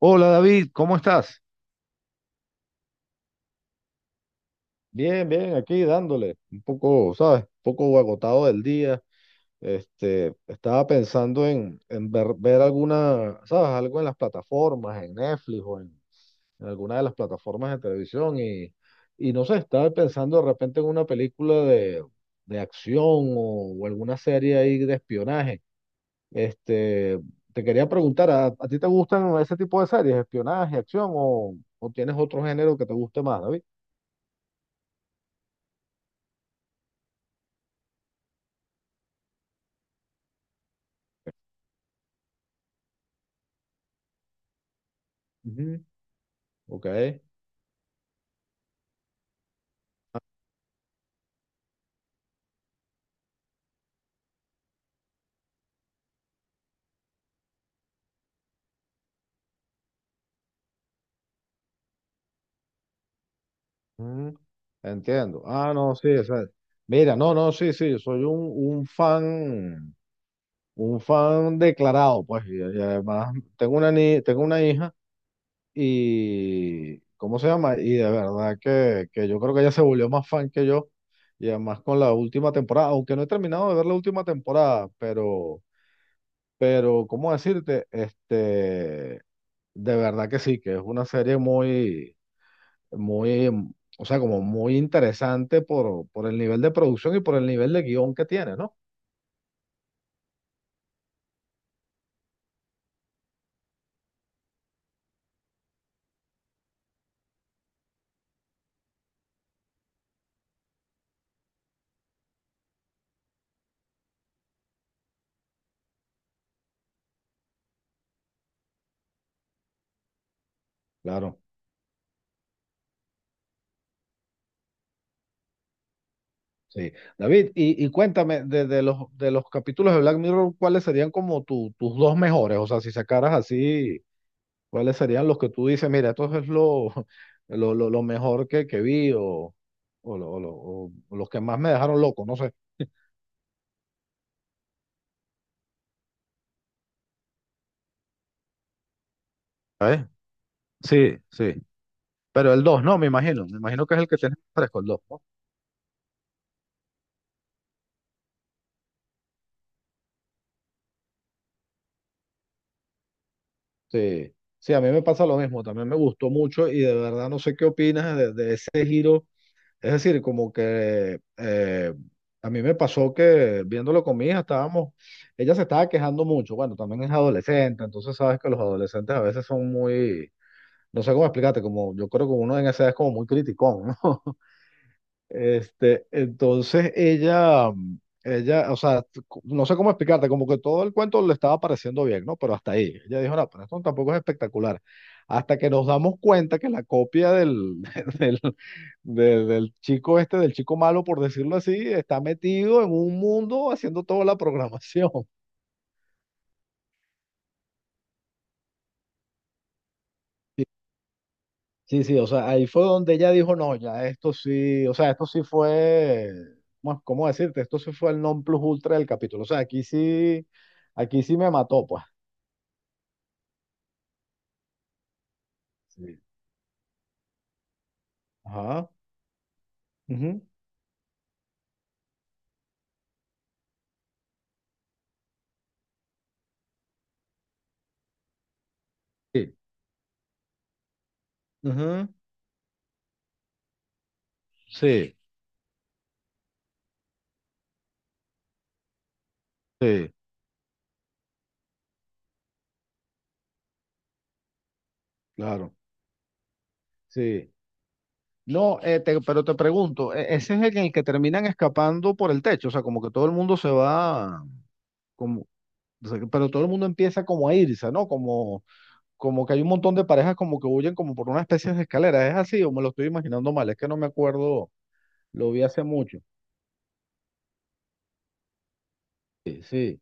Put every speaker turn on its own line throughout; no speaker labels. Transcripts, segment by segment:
Hola, David, ¿cómo estás? Bien, bien, aquí dándole un poco, ¿sabes? Un poco agotado del día. Estaba pensando en ver, ver alguna, ¿sabes? Algo en las plataformas, en Netflix o en alguna de las plataformas de televisión y no sé, estaba pensando de repente en una película de acción o alguna serie ahí de espionaje. Este, te quería preguntar, a ti te gustan ese tipo de series, espionaje, acción o tienes otro género que te guste más, David? Ok. Mm, entiendo. Ah, no, sí, o sea, mira, no, no, sí, sí, yo soy un fan declarado, pues, y además tengo una, tengo una hija y, ¿cómo se llama? Y de verdad que yo creo que ella se volvió más fan que yo y además con la última temporada, aunque no he terminado de ver la última temporada, pero, ¿cómo decirte? De verdad que sí, que es una serie muy muy, o sea, como muy interesante por el nivel de producción y por el nivel de guión que tiene, ¿no? Claro, sí. David, y cuéntame, de los capítulos de Black Mirror, ¿cuáles serían como tus dos mejores? O sea, si sacaras así, ¿cuáles serían los que tú dices, mira, esto es lo, lo mejor que vi o, o los que más me dejaron loco, no sé. ¿Sabes? Sí, sí. Pero el 2 no, me imagino. Me imagino que es el que tienes fresco, el 2. Sí, sí, a mí me pasa lo mismo, también me gustó mucho y de verdad no sé qué opinas de ese giro. Es decir, como que a mí me pasó que viéndolo con mi hija, estábamos, ella se estaba quejando mucho, bueno, también es adolescente, entonces sabes que los adolescentes a veces son muy, no sé cómo explicarte, como yo creo que uno en esa edad es como muy criticón, ¿no? Entonces ella, ella, o sea, no sé cómo explicarte, como que todo el cuento le estaba pareciendo bien, ¿no? Pero hasta ahí. Ella dijo, no, pero esto tampoco es espectacular. Hasta que nos damos cuenta que la copia del, del, del chico este, del chico malo, por decirlo así, está metido en un mundo haciendo toda la programación. Sí, sí, o sea, ahí fue donde ella dijo, no, ya esto sí, o sea, esto sí fue, bueno, ¿cómo decirte? Esto sí fue el non plus ultra del capítulo. O sea, aquí sí me mató, pues. Sí. Ajá. Ujú. Sí. Ujú. Sí, sí, claro, sí. No, pero te pregunto, ¿ ese es el en el que terminan escapando por el techo, o sea, como que todo el mundo se va, como, o sea, pero todo el mundo empieza como a irse, ¿no? Como... como que hay un montón de parejas como que huyen como por una especie de escalera. ¿Es así o me lo estoy imaginando mal? Es que no me acuerdo, lo vi hace mucho. Sí, sí,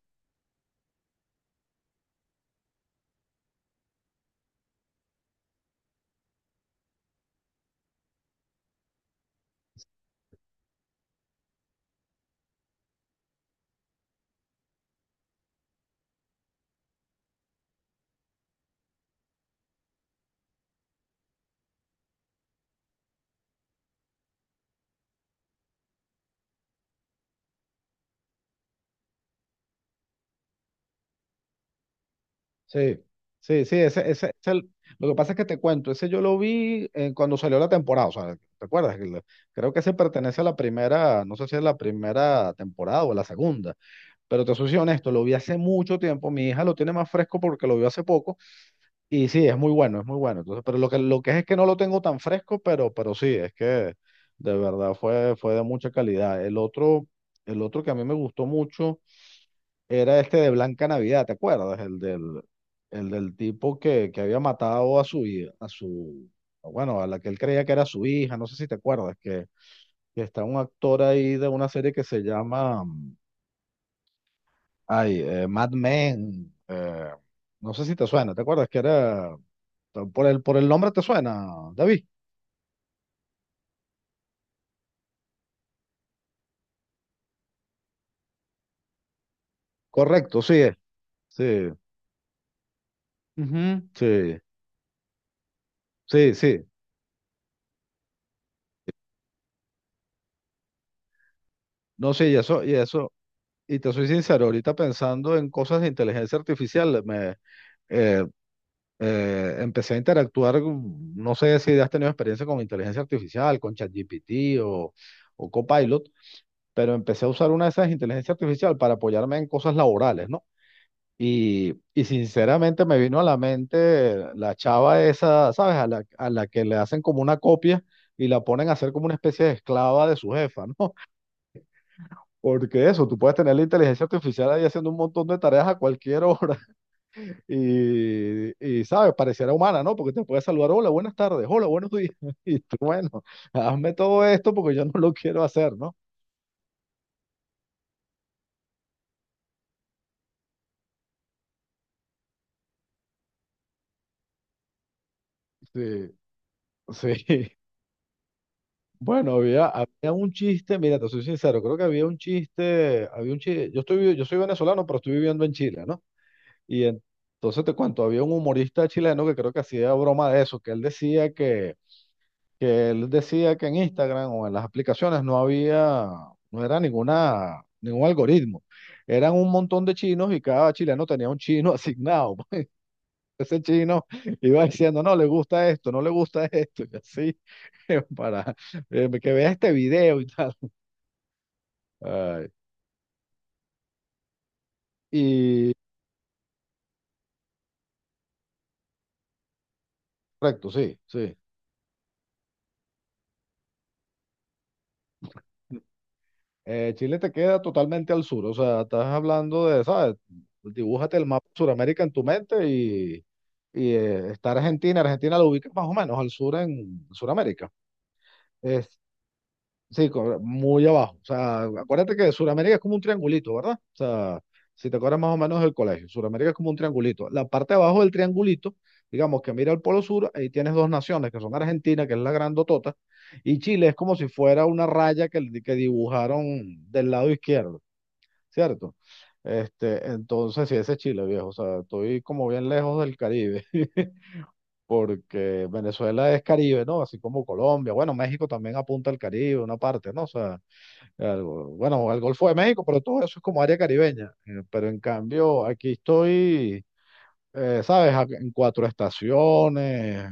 sí, sí, sí, ese, lo que pasa es que te cuento, ese yo lo vi cuando salió la temporada, o sea, ¿te acuerdas? Creo que ese pertenece a la primera, no sé si es la primera temporada o la segunda, pero te soy honesto, lo vi hace mucho tiempo, mi hija lo tiene más fresco porque lo vio hace poco. Y sí, es muy bueno, es muy bueno. Entonces, pero lo que es que no lo tengo tan fresco, pero sí, es que de verdad fue, fue de mucha calidad. El otro que a mí me gustó mucho era este de Blanca Navidad, ¿te acuerdas? El del tipo que había matado a su, a su, bueno, a la que él creía que era su hija, no sé si te acuerdas, que está un actor ahí de una serie que se llama, ay, Mad Men, no sé si te suena, ¿te acuerdas? Que era... por el nombre te suena, David. Correcto, sí es. Sí, ujú. Sí, sí, sí. No, sí, y eso, y eso, y te soy sincero, ahorita pensando en cosas de inteligencia artificial, me eh, empecé a interactuar, no sé si has tenido experiencia con inteligencia artificial, con ChatGPT o Copilot, pero empecé a usar una de esas inteligencias artificial para apoyarme en cosas laborales, ¿no? Y sinceramente me vino a la mente la chava esa, ¿sabes? A la que le hacen como una copia y la ponen a hacer como una especie de esclava de su jefa, ¿no? Porque eso, tú puedes tener la inteligencia artificial ahí haciendo un montón de tareas a cualquier hora y, y ¿sabes? Pareciera humana, ¿no? Porque te puede saludar, hola, buenas tardes, hola, buenos días. Y tú, bueno, hazme todo esto porque yo no lo quiero hacer, ¿no? Sí, sí. Bueno, había, había un chiste, mira, te soy sincero, creo que había un chiste, yo estoy, yo soy venezolano, pero estoy viviendo en Chile, ¿no? Y en- entonces te cuento, había un humorista chileno que creo que hacía broma de eso, que él decía que él decía que en Instagram o en las aplicaciones no había, no era ninguna, ningún algoritmo. Eran un montón de chinos y cada chileno tenía un chino asignado, pues. Ese chino iba diciendo, no, le gusta esto, no le gusta esto, y así, para que vea este video y tal. Ay, y correcto, sí, sí. Chile te queda totalmente al sur, o sea, estás hablando de, ¿sabes? Dibújate el mapa de Sudamérica en tu mente y, está Argentina, Argentina la ubicas más o menos al sur en Sudamérica. Sí, muy abajo. O sea, acuérdate que Sudamérica es como un triangulito, ¿verdad? O sea, si te acuerdas más o menos del colegio, Sudamérica es como un triangulito. La parte de abajo del triangulito, digamos que mira al Polo Sur, ahí tienes dos naciones, que son Argentina, que es la grandotota, y Chile es como si fuera una raya que dibujaron del lado izquierdo, ¿cierto? Entonces, sí, ese es Chile, viejo. O sea, estoy como bien lejos del Caribe, porque Venezuela es Caribe, ¿no? Así como Colombia. Bueno, México también apunta al Caribe, una parte, ¿no? O sea, bueno, al Golfo de México, pero todo eso es como área caribeña. Pero en cambio, aquí estoy, ¿sabes? En cuatro estaciones,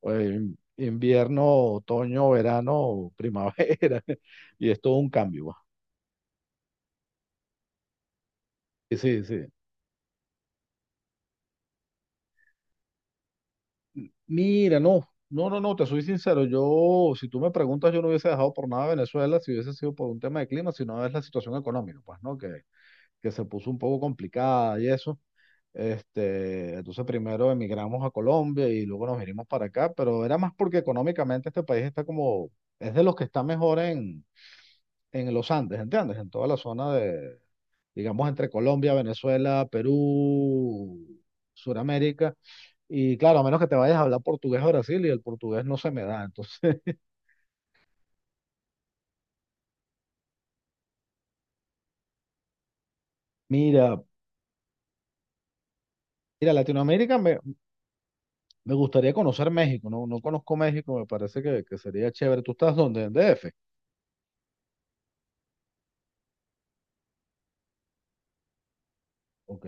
pues, invierno, otoño, verano, primavera, y es todo un cambio, va. Y sí, sí. Mira, no, no, no, no, te soy sincero, yo, si tú me preguntas, yo no hubiese dejado por nada Venezuela si hubiese sido por un tema de clima, sino es la situación económica, pues, ¿no? Que se puso un poco complicada y eso. Entonces primero emigramos a Colombia y luego nos vinimos para acá, pero era más porque económicamente este país está como, es de los que está mejor en los Andes, ¿entiendes? En toda la zona de, digamos, entre Colombia, Venezuela, Perú, Sudamérica. Y claro, a menos que te vayas a hablar portugués a Brasil y el portugués no se me da. Entonces, mira, mira, Latinoamérica me, me gustaría conocer México, no, no conozco México, me parece que sería chévere. ¿Tú estás dónde? ¿En DF? Ok.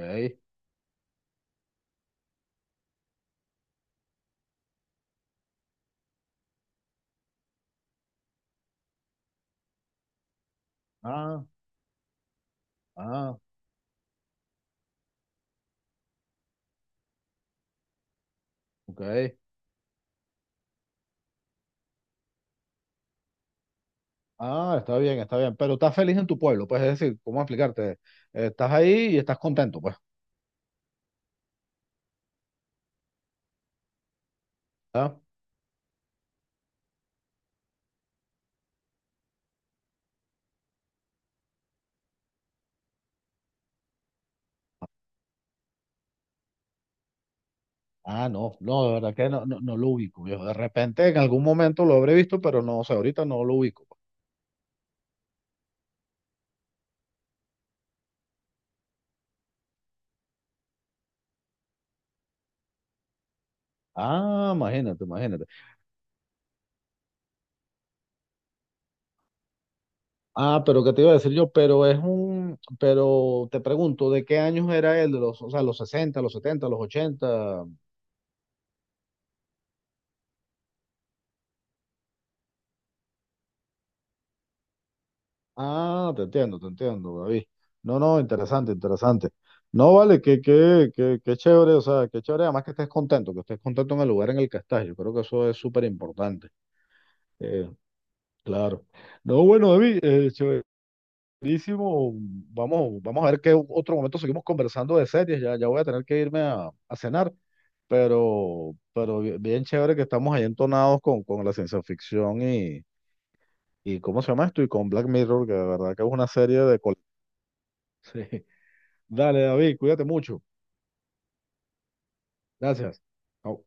Ah, ah, ok. Ah, está bien, está bien. Pero estás feliz en tu pueblo, pues, es decir, ¿cómo explicarte? Estás ahí y estás contento, pues. Ah, ah, no, no, de verdad que no, no, no lo ubico, viejo. De repente en algún momento lo habré visto, pero no, o sea, ahorita no lo ubico, pues. Ah, imagínate, imagínate. Ah, pero ¿qué te iba a decir yo? Pero es un, pero te pregunto, ¿de qué años era él? ¿De los, o sea, los 60, los 70, los ochenta? Ah, te entiendo, David. No, no, interesante, interesante. No, vale, que chévere, o sea, que chévere, además que estés contento en el lugar en el que estás. Yo creo que eso es súper importante. Eh, claro. No, bueno, David, chéverísimo. Vamos, vamos a ver qué otro momento seguimos conversando de series. Ya, ya voy a tener que irme a cenar, pero bien chévere que estamos ahí entonados con la ciencia ficción y ¿cómo se llama esto? Y con Black Mirror, que de verdad que es una serie de... Sí. Dale, David, cuídate mucho. Gracias. Chao.